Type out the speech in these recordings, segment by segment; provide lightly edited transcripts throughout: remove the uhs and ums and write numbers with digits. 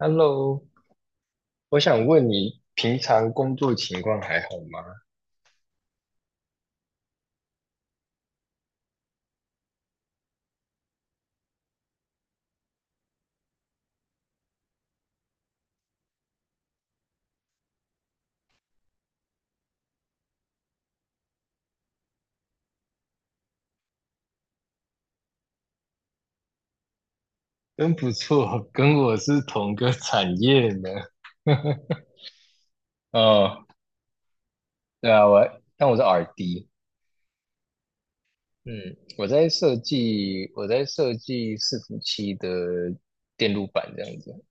Hello，我想问你，平常工作情况还好吗？真不错，跟我是同个产业呢。哦，对啊，但我是 RD，嗯，我在设计伺服器的电路板这样子。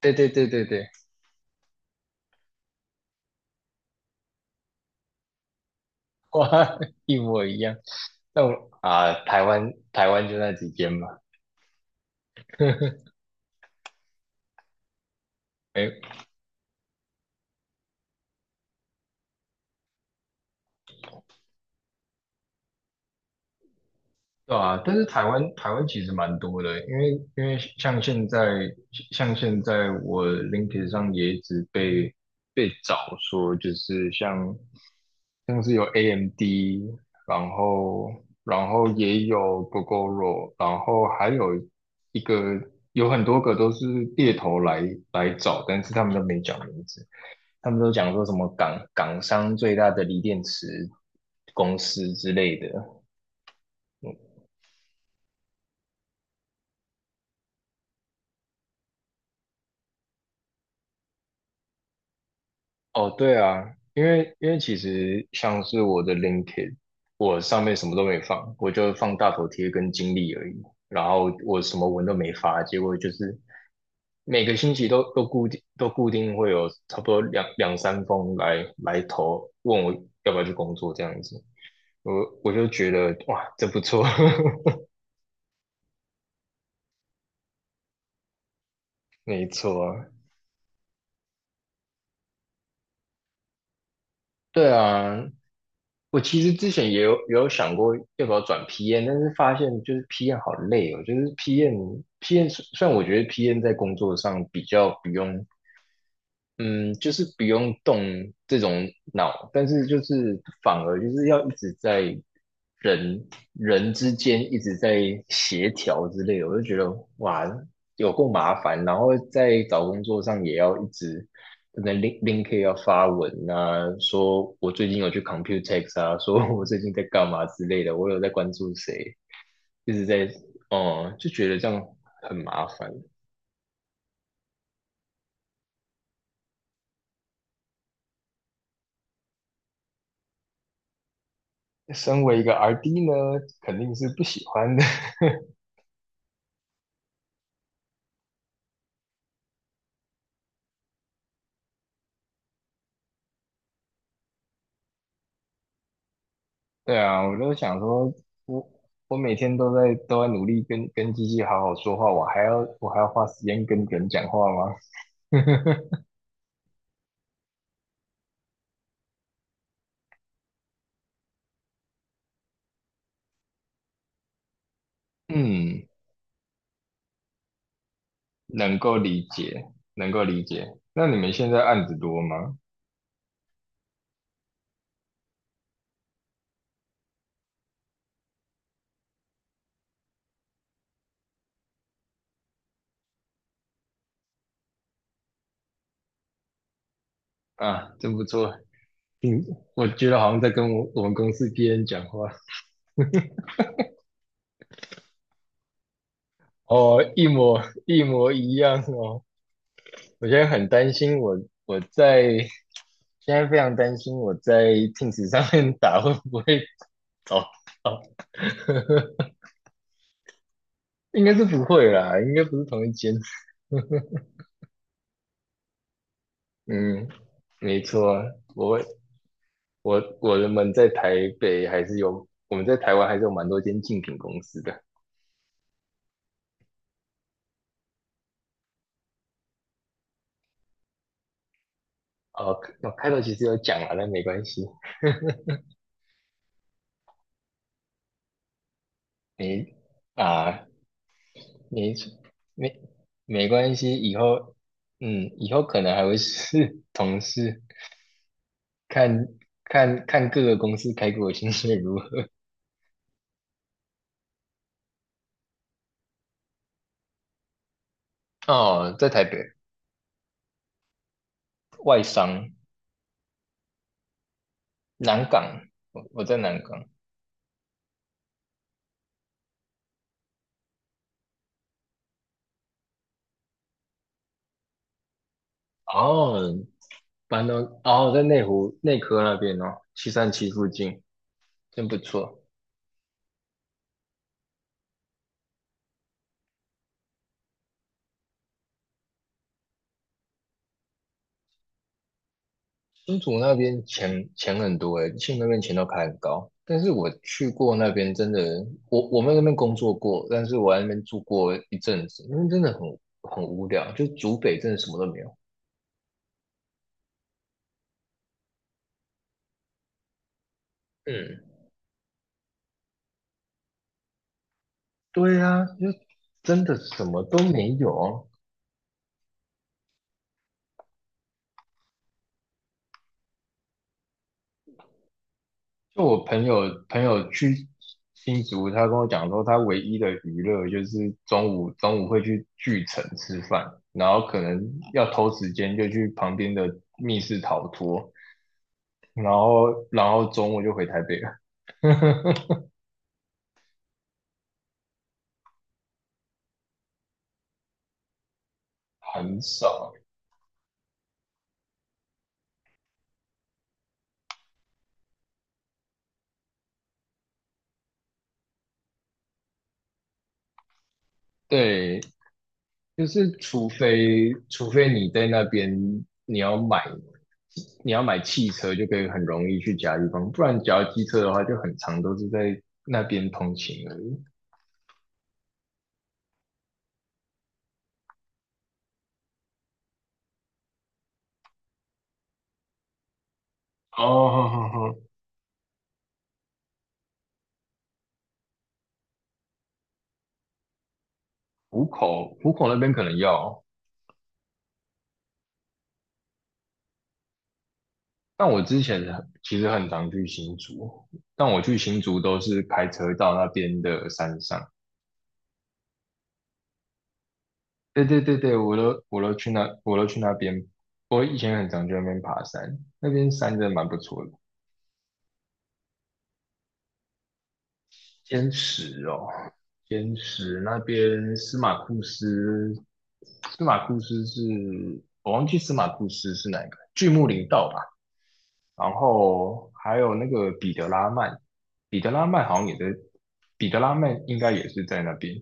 对对对对对，哇，一模一样。那我啊，台湾就那几间嘛。对啊，但是台湾其实蛮多的，因为像现在我 LinkedIn 上也一直被找说，就是像是有 AMD，然后然后也有 g o g o r 然后还有一个有很多个都是猎头来找，但是他们都没讲名字，他们都讲说什么港商最大的锂电池公司之类的。哦，对啊，因为其实像是我的 LinkedIn，我上面什么都没放，我就放大头贴跟经历而已，然后我什么文都没发，结果就是每个星期都固定会有差不多两三封来投，问我要不要去工作这样子，我我就觉得哇，这不错，没错啊，对啊，我其实之前也有想过要不要转 PM，但是发现就是 PM 好累哦，就是 PM 虽然我觉得 PM 在工作上比较不用嗯，就是不用动这种脑，但是就是反而就是要一直在人人之间一直在协调之类的，我就觉得哇，有够麻烦。然后在找工作上也要一直可能 Link 要发文啊，说我最近有去 Computex 啊，说我最近在干嘛之类的，我有在关注谁，一直在哦、就觉得这样很麻烦。身为一个 RD 呢，肯定是不喜欢 的。对啊，我就想说，我我每天都在努力跟机器好好说话，我还要花时间跟人讲话吗？嗯，能够理解，能够理解。那你们现在案子多吗？啊，真不错。嗯，我觉得好像在跟我们公司别人讲话。哦，一模一样哦。我现在很担心我，我在现在非常担心我在 Teams 上面打会不会倒 应该是不会啦，应该不是同一间。嗯，没错，我我们在台北还是有，我们在台湾还是有蛮多间竞品公司的。哦，我开头其实有讲啊，但没关系，没啊，没没没关系，以后可能还会是 同事，看看看各个公司开给我薪水如何。哦，在台北外商南港，我在南港。哦，板东哦，在内湖内科那边哦，737附近，真不错。新竹那边钱很多诶，新竹那边钱都开很高。但是我去过那边，真的，我们那边工作过，但是我在那边住过一阵子，那边真的很无聊，就竹北真的什么都没有。嗯，对啊，就真的什么都没有啊，就我朋友去新竹，他跟我讲说，他唯一的娱乐就是中午会去巨城吃饭，然后可能要偷时间就去旁边的密室逃脱，然后中午就回台北了，很少。对，就是除非你在那边你要买你要买汽车，就可以很容易去其他地方，不然只要机车的话，就很长都是在那边通勤而已。哦，浦口那边可能要，但我之前其实很常去新竹，但我去新竹都是开车到那边的山上。对对对对，我都去那边，我以前很常去那边爬山，那边山真的蛮不错的。天池哦，天池那边司马库斯，司马库斯是我忘记司马库斯是哪一个，巨木林道吧。然后还有那个彼得拉曼，彼得拉曼好像也在，彼得拉曼应该也是在那边。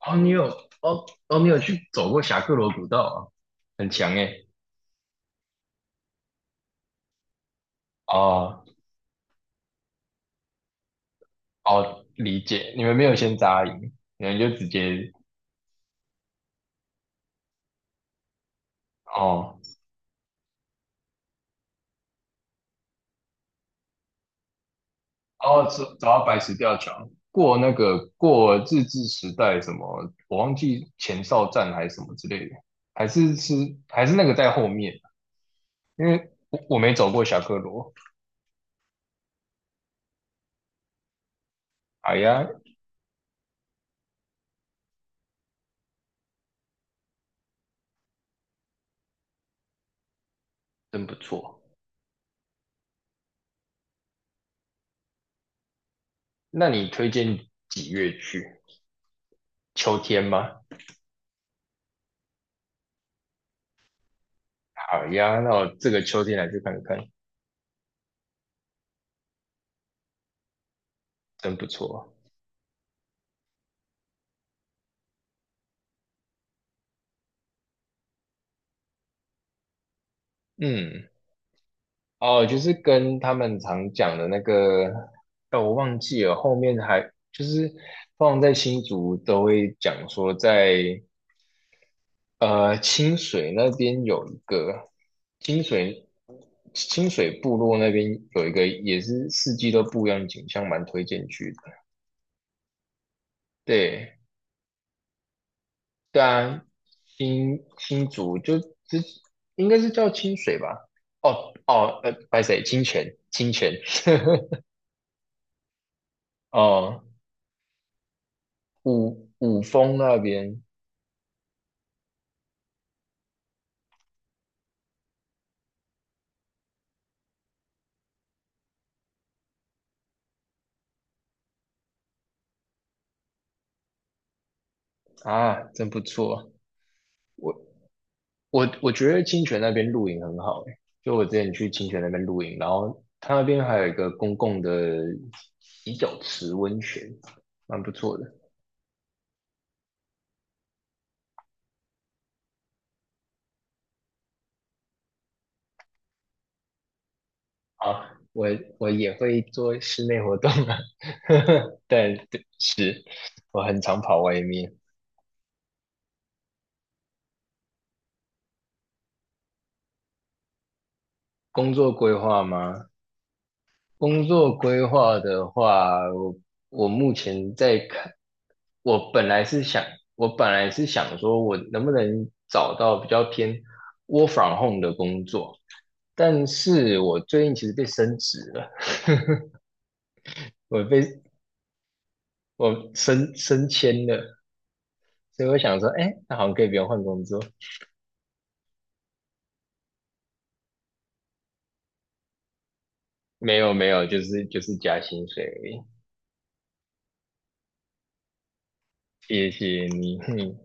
哦，你有去走过侠客罗古道啊？很强诶。哦哦，理解，你们没有先扎营，你们就直接哦走到白石吊桥，过那个过日治时代什么，我忘记前哨站还是什么之类的，还是是还是在后面，因为我没走过侠客罗。哎呀，真不错。那你推荐几月去？秋天吗？好呀，那我这个秋天来去看看，真不错。嗯，哦，就是跟他们常讲的那个，哦，我忘记了，后面还就是放在新竹都会讲说在，清水那边有一个清水清水部落那边有一个也是四季都不一样的景象，蛮推荐去的。对。对啊，新竹就应该是叫清水吧？哦哦，白水清泉，清泉，哦，五峰那边啊，真不错。我我觉得清泉那边露营很好诶，就我之前去清泉那边露营，然后它那边还有一个公共的洗脚池温泉，蛮不错的。啊，我也会做室内活动啊，但对是我很常跑外面。工作规划吗？工作规划的话，我目前在看，我本来是想，我本来是想说，我能不能找到比较偏 work from home 的工作，但是我最近其实被升职了，我被我升迁了，所以我想说，哎，那好像可以不用换工作。没有没有，就是加薪水而已。谢谢你，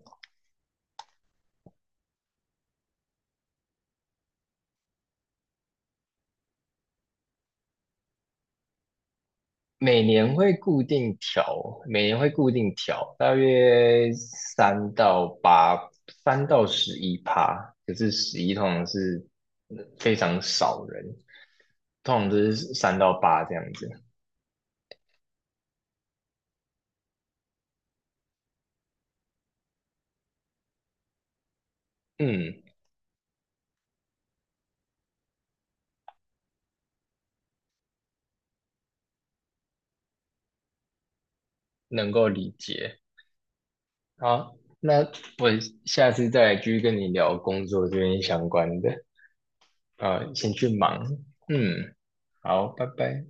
每年会固定调，每年会固定调，大约三到八，3到11%。可是十一通常是非常少人，通常都是三到八这样子。嗯，能够理解。好，那我下次再来继续跟你聊工作这边相关的。啊，先去忙。嗯，好，拜拜。